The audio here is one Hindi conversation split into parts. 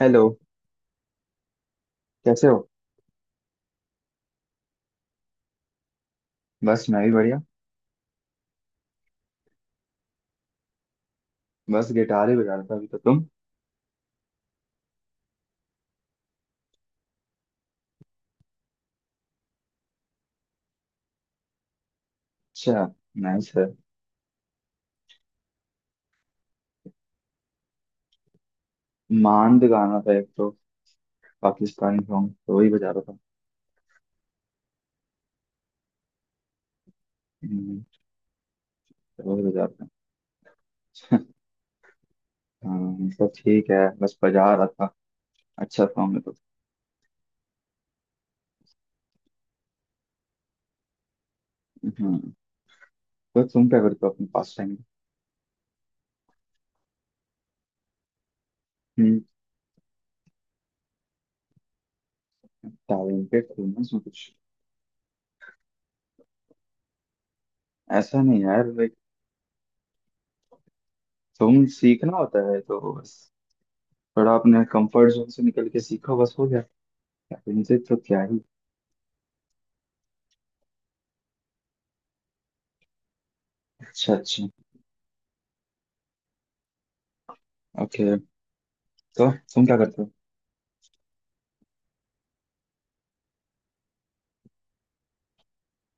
हेलो। कैसे हो? बस मैं भी बढ़िया। बस गिटार ही बजा रहा था अभी, तो तुम? अच्छा, नाइस है। मांड गाना था एक तो, पाकिस्तानी सॉन्ग, तो वही बजा रहा था। हम्म, तो वही बजा रहा था हाँ, सब ठीक है, बस बजा रहा था, अच्छा सॉन्ग है तो। हम्म तो तुम क्या करते हो अपने पास टाइम में? हम्म। टैलेंटेड हो ना इसमें कुछ। ऐसा नहीं यार, लाइक, तुम सीखना होता है तो बस, थोड़ा अपने कंफर्ट जोन से निकल के सीखो बस, हो गया। टैलेंटेड तो क्या ही। अच्छा अच्छा। ओके, तो तुम क्या करते हो?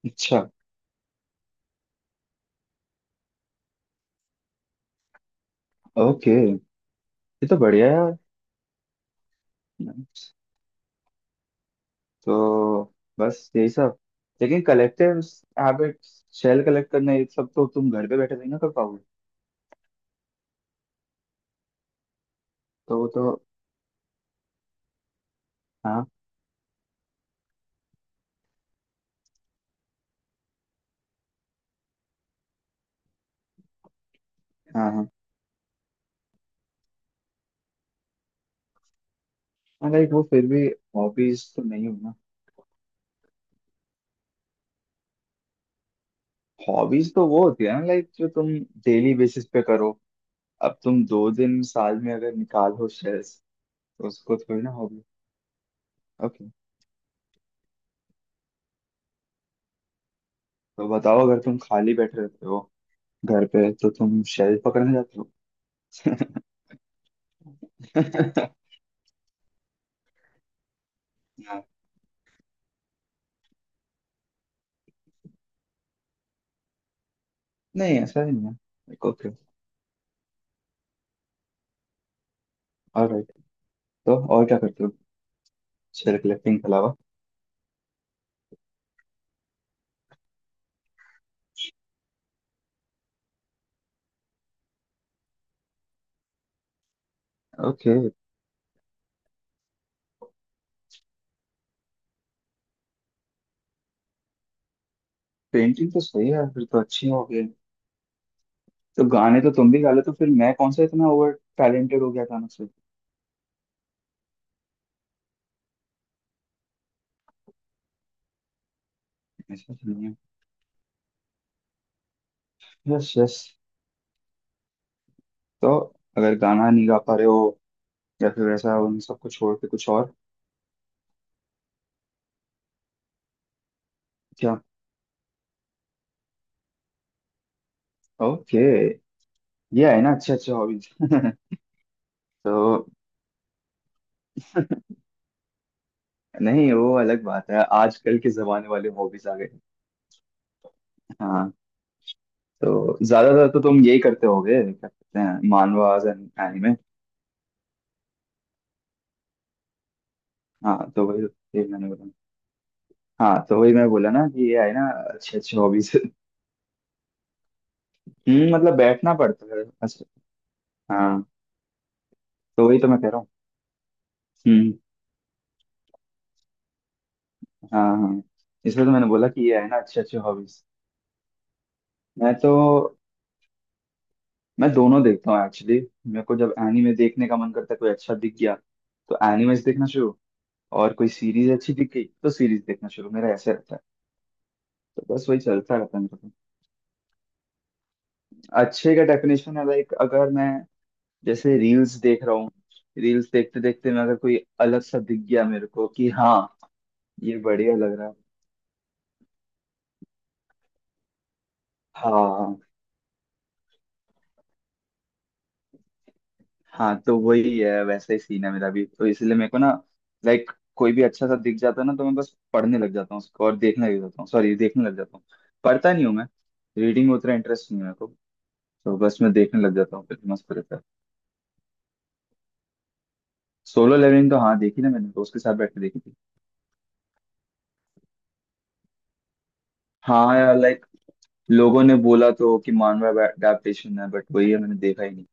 अच्छा। ओके, ये तो बढ़िया है यार। Nice. तो बस यही सब, लेकिन कलेक्टिव हैबिट, शेल कलेक्ट करना, ये सब तो तुम घर पे बैठे नहीं ना कर पाओगे। तो वो तो। हाँ हाँ। हाँ, लाइक वो फिर भी हॉबीज तो नहीं हो ना। हॉबीज तो वो होती है ना, लाइक जो तुम डेली बेसिस पे करो। अब तुम दो दिन साल में अगर निकालो शेल्स, तो उसको थोड़ी ना हॉबी। ओके, तो बताओ, अगर तुम खाली बैठे रहते हो घर पे तो तुम शेल पकड़ने जाते हो? हाँ, नहीं ऐसा ही नहीं है, लाइक ओके। ऑलराइट, तो और क्या करते हो सेल्फ कलेक्टिंग के अलावा? ओके। पेंटिंग तो सही है, फिर तो अच्छी हो गई। तो गाने तो तुम भी गा लेते हो, फिर मैं कौन सा इतना ओवर टैलेंटेड हो गया गाना से। ऐसा तो नहीं है। Yes yes. तो अगर गाना नहीं गा पा रहे हो, या फिर ऐसा उन सबको छोड़ के कुछ और? क्या? ओके, ये है ना अच्छे अच्छे हॉबीज तो नहीं, वो अलग बात है, आजकल के जमाने वाले हॉबीज आ गए। हाँ, तो ज्यादातर तो तुम यही करते होगे, क्या कहते हैं, मानवास एंड एनिमे। हाँ, तो वही, यही मैंने बोला। हाँ, तो वही मैं बोला ना कि ये है ना अच्छे अच्छे हॉबीज। मतलब बैठना पड़ता है, अच्छा। हाँ, तो वही तो मैं कह रहा हूँ। हम्म। हाँ हाँ। इसलिए तो मैंने बोला कि ये है ना अच्छे अच्छे हॉबीज। मैं तो, मैं दोनों देखता हूँ एक्चुअली। मेरे को जब एनिमे देखने का मन करता है, कोई अच्छा दिख गया तो एनिमेज देखना शुरू। और कोई सीरीज अच्छी दिख गई तो सीरीज देखना शुरू, मेरा ऐसे रहता है। तो बस वही चलता रहता है मेरा। अच्छे का डेफिनेशन है, लाइक अगर मैं जैसे रील्स देख रहा हूँ, रील्स देखते देखते मैं अगर कोई अलग सा दिख गया मेरे को कि हाँ, ये बढ़िया लग रहा है। हाँ हाँ, तो वही है, वैसा ही सीन है मेरा भी, तो इसलिए मेरे को ना, लाइक कोई भी अच्छा सा दिख जाता है ना, तो मैं बस पढ़ने लग जाता हूँ उसको, और देखने लग जाता हूँ, सॉरी, देखने लग जाता हूँ। पढ़ता नहीं हूँ मैं, रीडिंग में उतना इंटरेस्ट नहीं है मेरे को। तो बस मैं देखने लग जाता हूँ, फिर मस्त रहता है। सोलो लेवलिंग तो हाँ देखी ना मैंने, तो उसके साथ बैठ के देखी थी। हाँ यार, लाइक लोगों ने बोला तो कि मानव अडेप्टेशन है, बट वही है, मैंने देखा ही नहीं।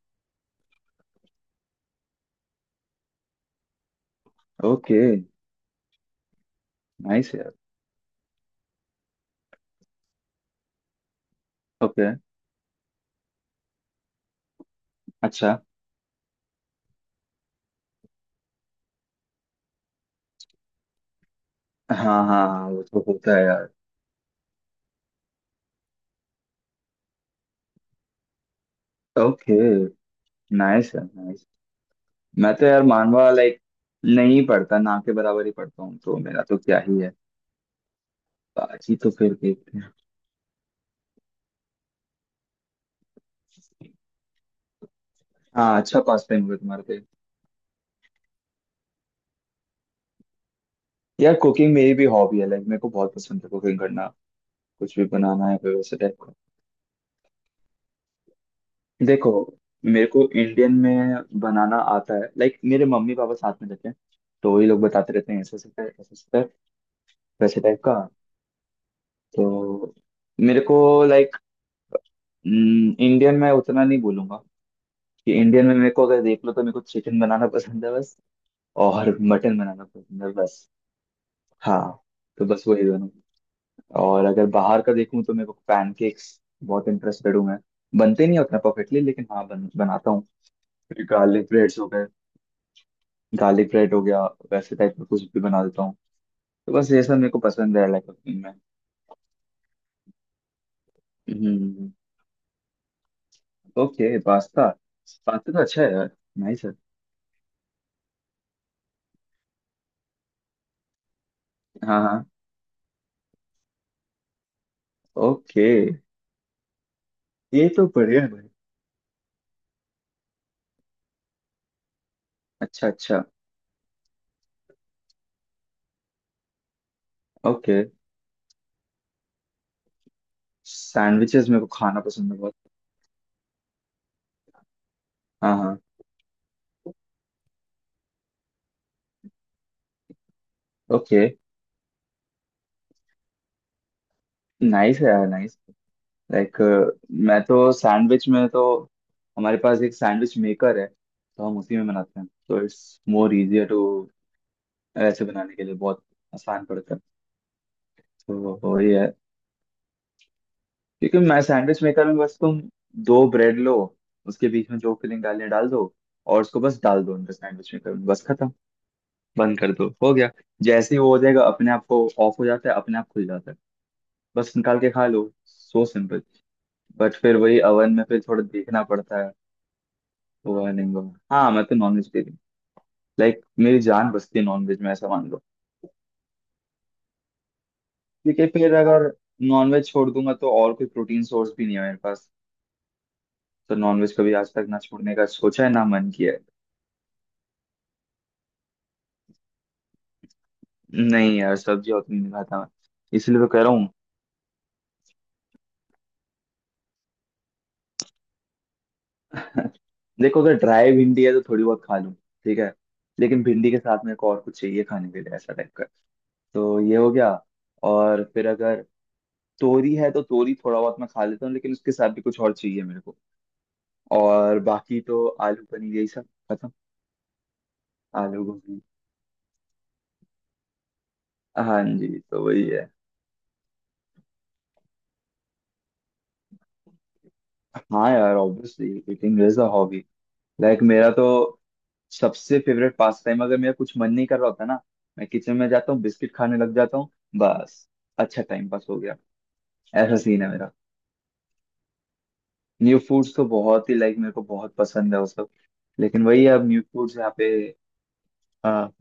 ओके। नाइस यार। ओके। अच्छा। हाँ हाँ, वो तो होता है यार। ओके, नाइस है, नाइस। मैं तो यार मानवा लाइक नहीं पढ़ता, ना के बराबर ही पढ़ता हूँ, तो मेरा तो क्या ही है। बाकी तो फिर देखते हैं। हाँ, अच्छा पास टाइम होगा तुम्हारे पे। यार कुकिंग मेरी भी हॉबी है, लाइक मेरे को बहुत पसंद है कुकिंग करना। कुछ भी बनाना है फिर, वैसे टाइप। देखो, मेरे को इंडियन में बनाना आता है, लाइक मेरे मम्मी पापा साथ में रहते हैं, तो वही लोग बताते रहते हैं, ऐसे ऐसे टाइप, ऐसे ऐसे टाइप, वैसे टाइप का। तो मेरे को लाइक इंडियन में उतना नहीं बोलूंगा कि इंडियन में, मेरे को अगर देख लो तो मेरे को चिकन बनाना पसंद है बस, और मटन बनाना पसंद है बस। हाँ, तो बस वही दोनों। और अगर बाहर का देखूँ तो मेरे को पैनकेक्स, बहुत इंटरेस्टेड हूँ मैं। बनते नहीं हैं उतना परफेक्टली, लेकिन हाँ बनाता हूँ। गार्लिक ब्रेड्स हो गए, गार्लिक ब्रेड हो गया, वैसे टाइप का कुछ भी बना देता हूँ। तो बस ये सब मेरे को पसंद है, लाइक कुकिंग में। हम्म, ओके, पास्ता। पास्ता तो अच्छा है यार, नाइस है। हाँ हाँ। ओके, ये तो बढ़िया है भाई। अच्छा अच्छा। ओके, सैंडविचेस मेरे को खाना पसंद है बहुत। हाँ हाँ। ओके। नाइस है यार, नाइस। लाइक मैं तो सैंडविच में तो, हमारे पास एक सैंडविच मेकर है, तो हम उसी में बनाते हैं, तो इट्स मोर इजियर टू ऐसे बनाने के लिए, बहुत आसान पड़ता है, तो वही है। क्योंकि मैं सैंडविच मेकर में बस, तुम दो ब्रेड लो, उसके बीच में जो फिलिंग डालनी है डाल दो, और उसको बस डाल दो अंदर सैंडविच मेकर में, बस खत्म। बंद कर दो, हो गया। जैसे ही वो हो जाएगा अपने आप को ऑफ हो जाता है, अपने आप खुल जाता है, बस निकाल के खा लो। So simple. बट फिर वही ओवन में फिर थोड़ा देखना पड़ता है। हुआ नहीं हुआ। हाँ, मैं तो नॉनवेज दे रही, लाइक मेरी जान बसती है नॉनवेज में, ऐसा मान लो। क्योंकि फिर अगर नॉनवेज छोड़ दूंगा तो और कोई प्रोटीन सोर्स भी नहीं है मेरे पास, तो नॉनवेज कभी आज तक ना छोड़ने का सोचा है ना मन किया है। नहीं यार, सब्जी उतनी नहीं खाता मैं, इसलिए तो कह रहा हूँ। देखो, अगर ड्राई भिंडी है तो थोड़ी बहुत खा लूँ, ठीक है। लेकिन भिंडी के साथ मेरे को और कुछ चाहिए खाने के लिए, ऐसा टाइप का। तो ये हो गया। और फिर अगर तोरी है तो तोरी थोड़ा बहुत मैं खा लेता हूँ, लेकिन उसके साथ भी कुछ और चाहिए मेरे को। और बाकी तो आलू पनीर, यही सब। खत्म। आलू गोभी, हाँ जी, तो वही है। हाँ यार, obviously eating is a hobby. Like मेरा तो सबसे फेवरेट पास टाइम, अगर मेरा कुछ मन नहीं कर रहा होता ना, मैं किचन में जाता हूँ, बिस्किट खाने लग जाता हूँ, बस, अच्छा टाइम पास हो गया। ऐसा सीन है मेरा। न्यू फूड्स तो बहुत ही, लाइक मेरे को बहुत पसंद है वो सब। लेकिन वही है, अब न्यू फूड्स यहाँ पे। हाँ,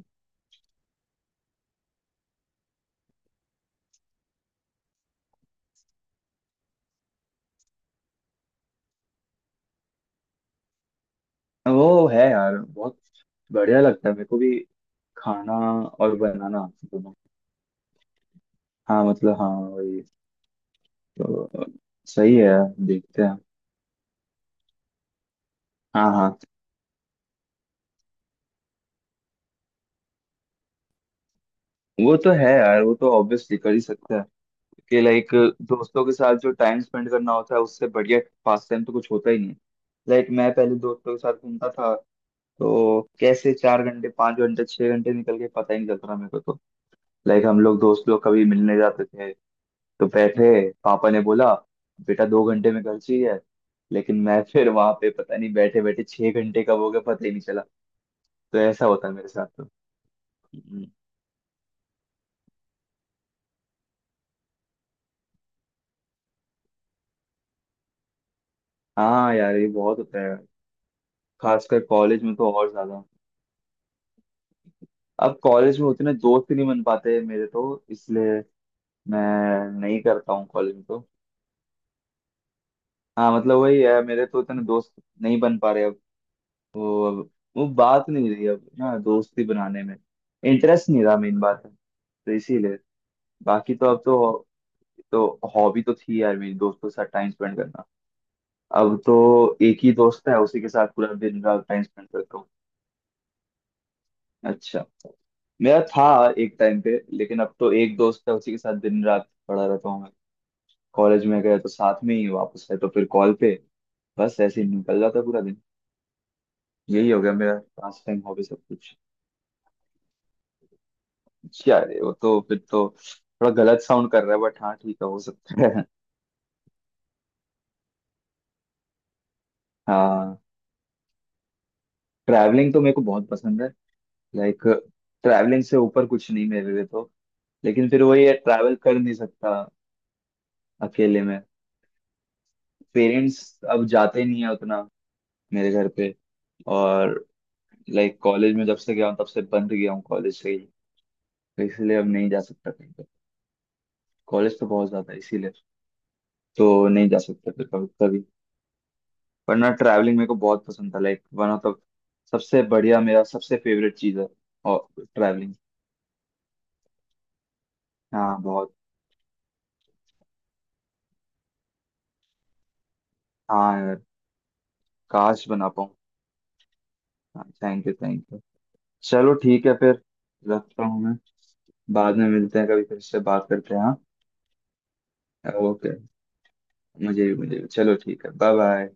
वो है यार बहुत। बढ़िया लगता है मेरे को भी, खाना और बनाना, दोनों। हाँ मतलब, हाँ वही, तो सही है, देखते हैं। हाँ हाँ, वो तो है यार, वो तो ऑब्वियसली कर ही सकते हैं। कि लाइक दोस्तों के साथ जो टाइम स्पेंड करना होता है, उससे बढ़िया पास टाइम तो कुछ होता ही नहीं। लाइक मैं पहले दोस्तों के साथ घूमता था, तो कैसे चार घंटे, पाँच घंटे, छह घंटे निकल गए, पता ही नहीं चलता था मेरे को तो। लाइक हम लोग दोस्त लोग कभी मिलने जाते थे, तो बैठे, पापा ने बोला बेटा दो घंटे में घर चाहिए, लेकिन मैं फिर वहां पे पता नहीं बैठे बैठे छह घंटे कब हो गया पता ही नहीं चला। तो ऐसा होता है मेरे साथ तो। हम्म। हाँ यार, ये बहुत होता है, खासकर कॉलेज में तो और ज्यादा। अब कॉलेज में उतने दोस्त ही नहीं बन पाते मेरे तो, इसलिए मैं नहीं करता हूँ कॉलेज में तो। हाँ मतलब वही है, मेरे तो उतने दोस्त नहीं बन पा रहे अब। वो अब, वो बात नहीं रही अब ना, दोस्ती बनाने में इंटरेस्ट नहीं रहा, मेन बात है। तो इसीलिए बाकी तो अब तो हॉबी तो थी यार मेरी दोस्तों के साथ टाइम स्पेंड करना, अब तो एक ही दोस्त है उसी के साथ पूरा दिन रात टाइम स्पेंड करता हूँ। अच्छा, मेरा था एक टाइम पे, लेकिन अब तो एक दोस्त है, उसी के साथ दिन रात पड़ा रहता हूँ मैं। कॉलेज में गए तो साथ में ही, वापस आए तो फिर कॉल पे, बस ऐसे ही निकल जाता पूरा दिन, यही हो गया मेरा। पास टाइम, हॉबी, सब कुछ। अच्छा, अरे वो तो फिर तो थोड़ा गलत साउंड कर रहा है, बट हाँ, ठीक है, हो सकता है। हाँ, ट्रैवलिंग तो मेरे को बहुत पसंद है, लाइक ट्रैवलिंग से ऊपर कुछ नहीं मेरे लिए तो। लेकिन फिर वही है, ट्रैवल कर नहीं सकता अकेले में। पेरेंट्स अब जाते नहीं है उतना मेरे घर पे, और लाइक कॉलेज में जब से गया हूँ तब से बंद गया हूँ कॉलेज से ही, तो इसलिए अब नहीं जा सकता कहीं। कॉलेज तो बहुत ज्यादा है, इसीलिए तो नहीं जा सकते, फिर कभी कभी। पर ना ट्रैवलिंग मेरे को बहुत पसंद था, लाइक वन ऑफ द सबसे बढ़िया, मेरा सबसे फेवरेट चीज है, और, ट्रैवलिंग। हाँ बहुत। हाँ यार, काश बना पाऊँ। हाँ, थैंक यू थैंक यू। चलो ठीक है फिर, रखता हूँ मैं, बाद में मिलते हैं, कभी फिर से बात करते हैं, हाँ। ओके, मुझे भी मुझे भी, चलो ठीक है, बाय बाय।